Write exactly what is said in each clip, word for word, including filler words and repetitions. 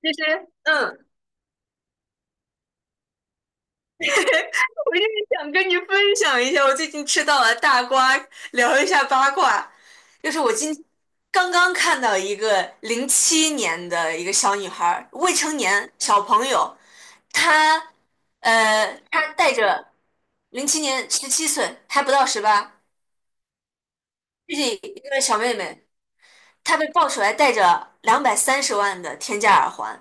其实，嗯，我就是想跟你分享一下，我最近吃到了大瓜，聊一下八卦。就是我今刚刚看到一个零七年的一个小女孩儿未成年小朋友，她呃，她带着零七年十七岁，还不到十八，就是一个小妹妹，他被爆出来戴着两百三十万的天价耳环，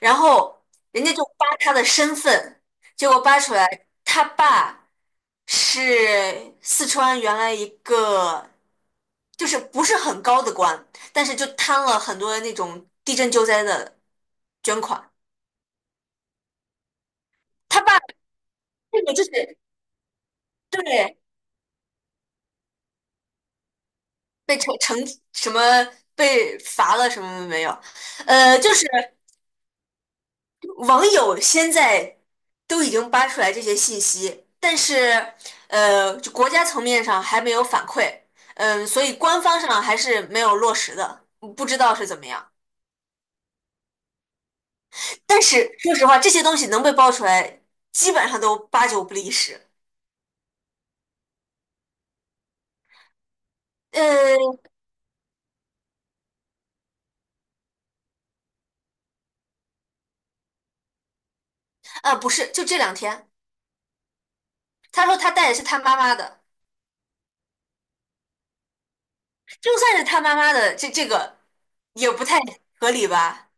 然后人家就扒他的身份，结果扒出来他爸是四川原来一个就是不是很高的官，但是就贪了很多那种地震救灾的捐款。他爸这个就是对被惩惩什么被罚了什么没有，呃，就是。网友现在都已经扒出来这些信息，但是呃，就国家层面上还没有反馈，嗯，所以官方上还是没有落实的，不知道是怎么样。但是说实话，这些东西能被爆出来，基本上都八九不离十。呃啊，不是，就这两天，他说他带的是他妈妈的，就算是他妈妈的，这这个也不太合理吧？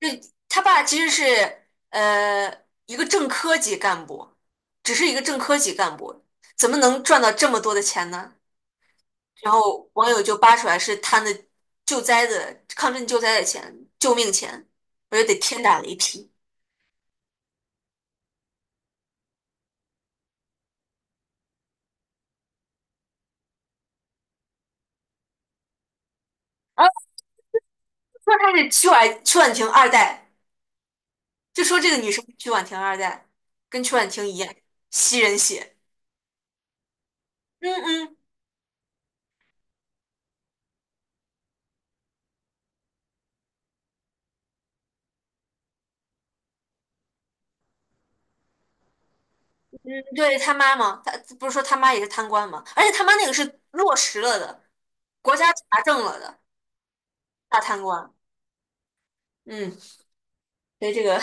就他爸其实是呃一个正科级干部，只是一个正科级干部，怎么能赚到这么多的钱呢？然后网友就扒出来是贪的救灾的抗震救灾的钱，救命钱，我觉得得天打雷劈。啊，说他是曲婉曲婉婷二代，就说这个女生是曲婉婷二代，跟曲婉婷一样吸人血。嗯嗯，嗯对他妈嘛，他不是说他妈也是贪官嘛，而且他妈那个是落实了的，国家查证了的。大贪官，嗯，所以这个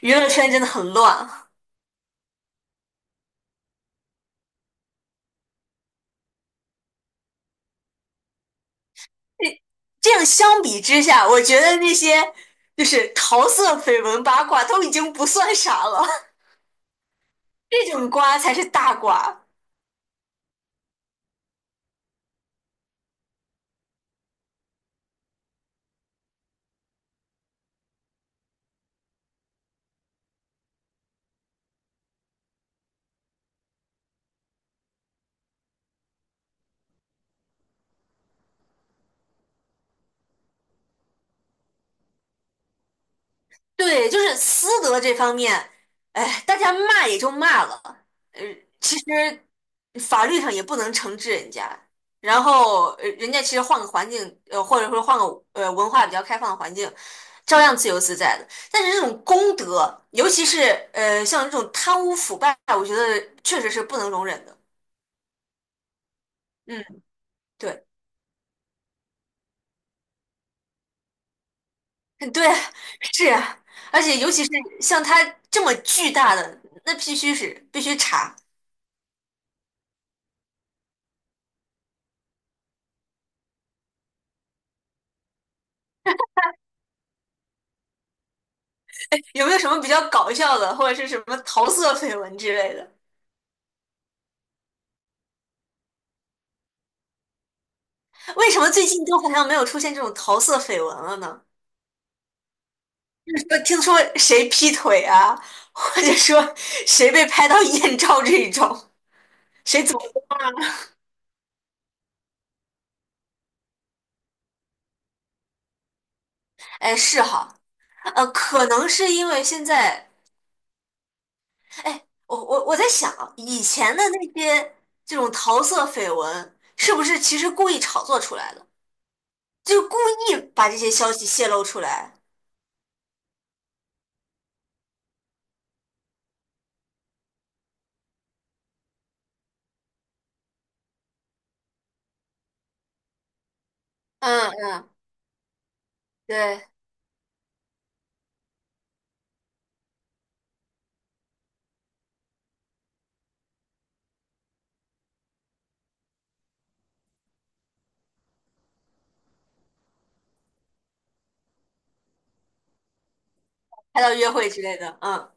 娱乐圈真的很乱啊。这这样相比之下，我觉得那些就是桃色绯闻八卦都已经不算啥了，这种瓜才是大瓜。对，就是私德这方面，哎，大家骂也就骂了，呃，其实法律上也不能惩治人家。然后，呃人家其实换个环境，呃，或者说换个呃文化比较开放的环境，照样自由自在的。但是这种公德，尤其是呃像这种贪污腐败，我觉得确实是不能容忍的。嗯，对，嗯对，是啊，而且尤其是像他这么巨大的，那必须是必须查。有没有什么比较搞笑的，或者是什么桃色绯闻之类的？为什么最近都好像没有出现这种桃色绯闻了呢？就是说，听说谁劈腿啊，或者说谁被拍到艳照这一种，谁怎么？哎，是哈，呃，可能是因为现在，哎，我我我在想，以前的那些这种桃色绯闻，是不是其实故意炒作出来的？就故意把这些消息泄露出来？嗯嗯，对，拍到约会之类的，嗯。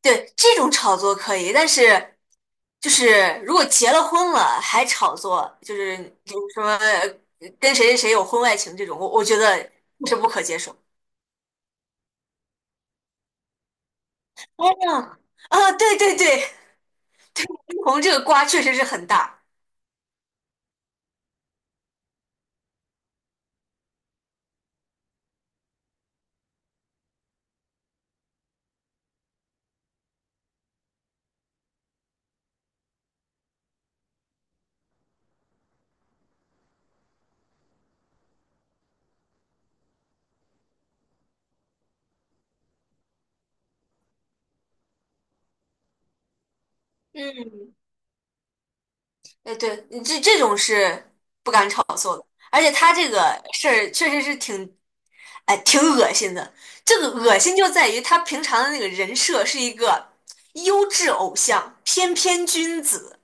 对，这种炒作可以，但是就是如果结了婚了还炒作，就是比如说呃跟谁谁谁有婚外情这种，我我觉得是不可接受。嗯，啊，对对对对，离红这个瓜确实是很大。嗯，哎，对，你这这种是不敢炒作的，而且他这个事儿确实是挺，哎，挺恶心的。这个恶心就在于他平常的那个人设是一个优质偶像、翩翩君子。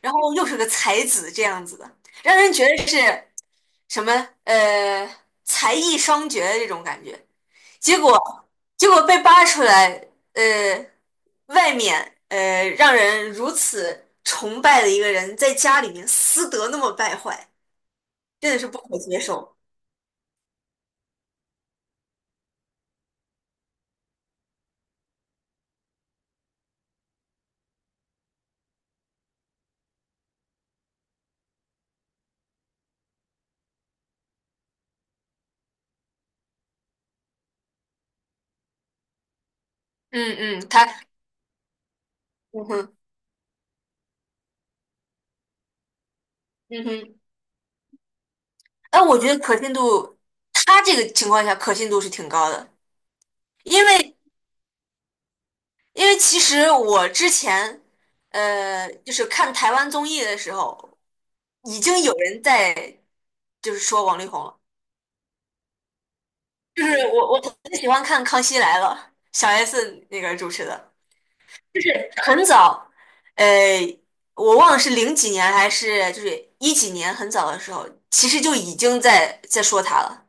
然后又是个才子这样子的，让人觉得是什么呃才艺双绝的这种感觉。结果结果被扒出来，呃，外面呃让人如此崇拜的一个人，在家里面私德那么败坏，真的是不可接受。嗯嗯，他嗯哼嗯哼，哎，我觉得可信度，他这个情况下可信度是挺高的，因为因为其实我之前，呃，就是看台湾综艺的时候，已经有人在就是说王力宏了。就是我我很喜欢看《康熙来了》，小 S 那个主持的，很早，呃，我忘了是零几年还是就是一几年，很早的时候，其实就已经在在说他了。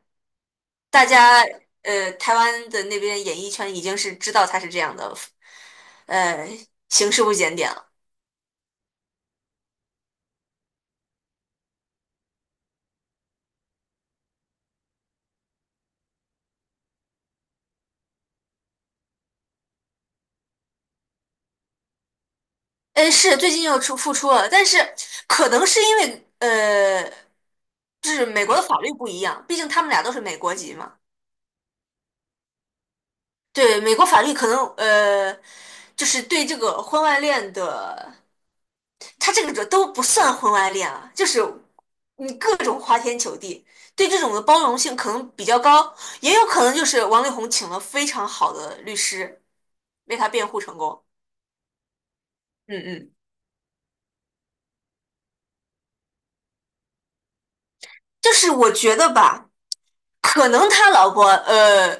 大家呃，台湾的那边演艺圈已经是知道他是这样的，呃，行事不检点了。哎，是最近又出复出了，但是可能是因为呃，就是美国的法律不一样，毕竟他们俩都是美国籍嘛。对，美国法律可能呃，就是对这个婚外恋的，他这个这都不算婚外恋啊，就是你各种花天酒地，对这种的包容性可能比较高，也有可能就是王力宏请了非常好的律师为他辩护成功。嗯嗯，就是我觉得吧。可能他老婆呃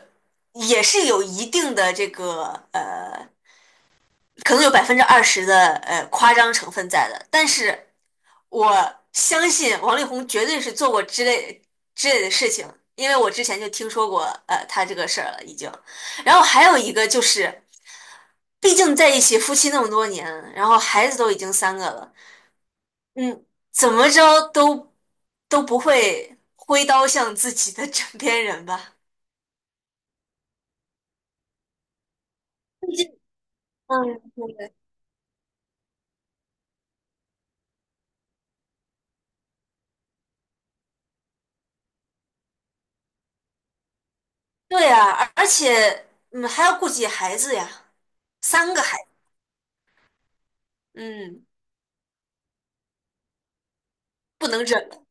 也是有一定的这个呃，可能有百分之二十的呃夸张成分在的，但是我相信王力宏绝对是做过之类之类的事情，因为我之前就听说过呃他这个事儿了已经。然后还有一个就是，毕竟在一起夫妻那么多年，然后孩子都已经三个了，嗯，怎么着都都不会挥刀向自己的 枕边人吧。毕嗯，对对啊，而而且嗯还要顾及孩子呀，三个孩子，嗯，不能忍了。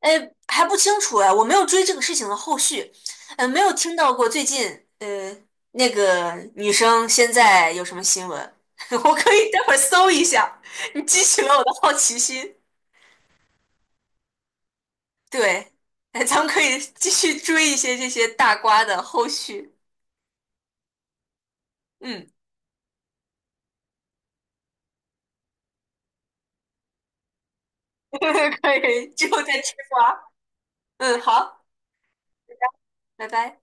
哎，还不清楚哎，我没有追这个事情的后续，呃，没有听到过最近呃那个女生现在有什么新闻，我可以待会儿搜一下，你激起了我的好奇心。对，哎，咱们可以继续追一些这些大瓜的后续，嗯，可以，之后再吃瓜，嗯，好，拜拜。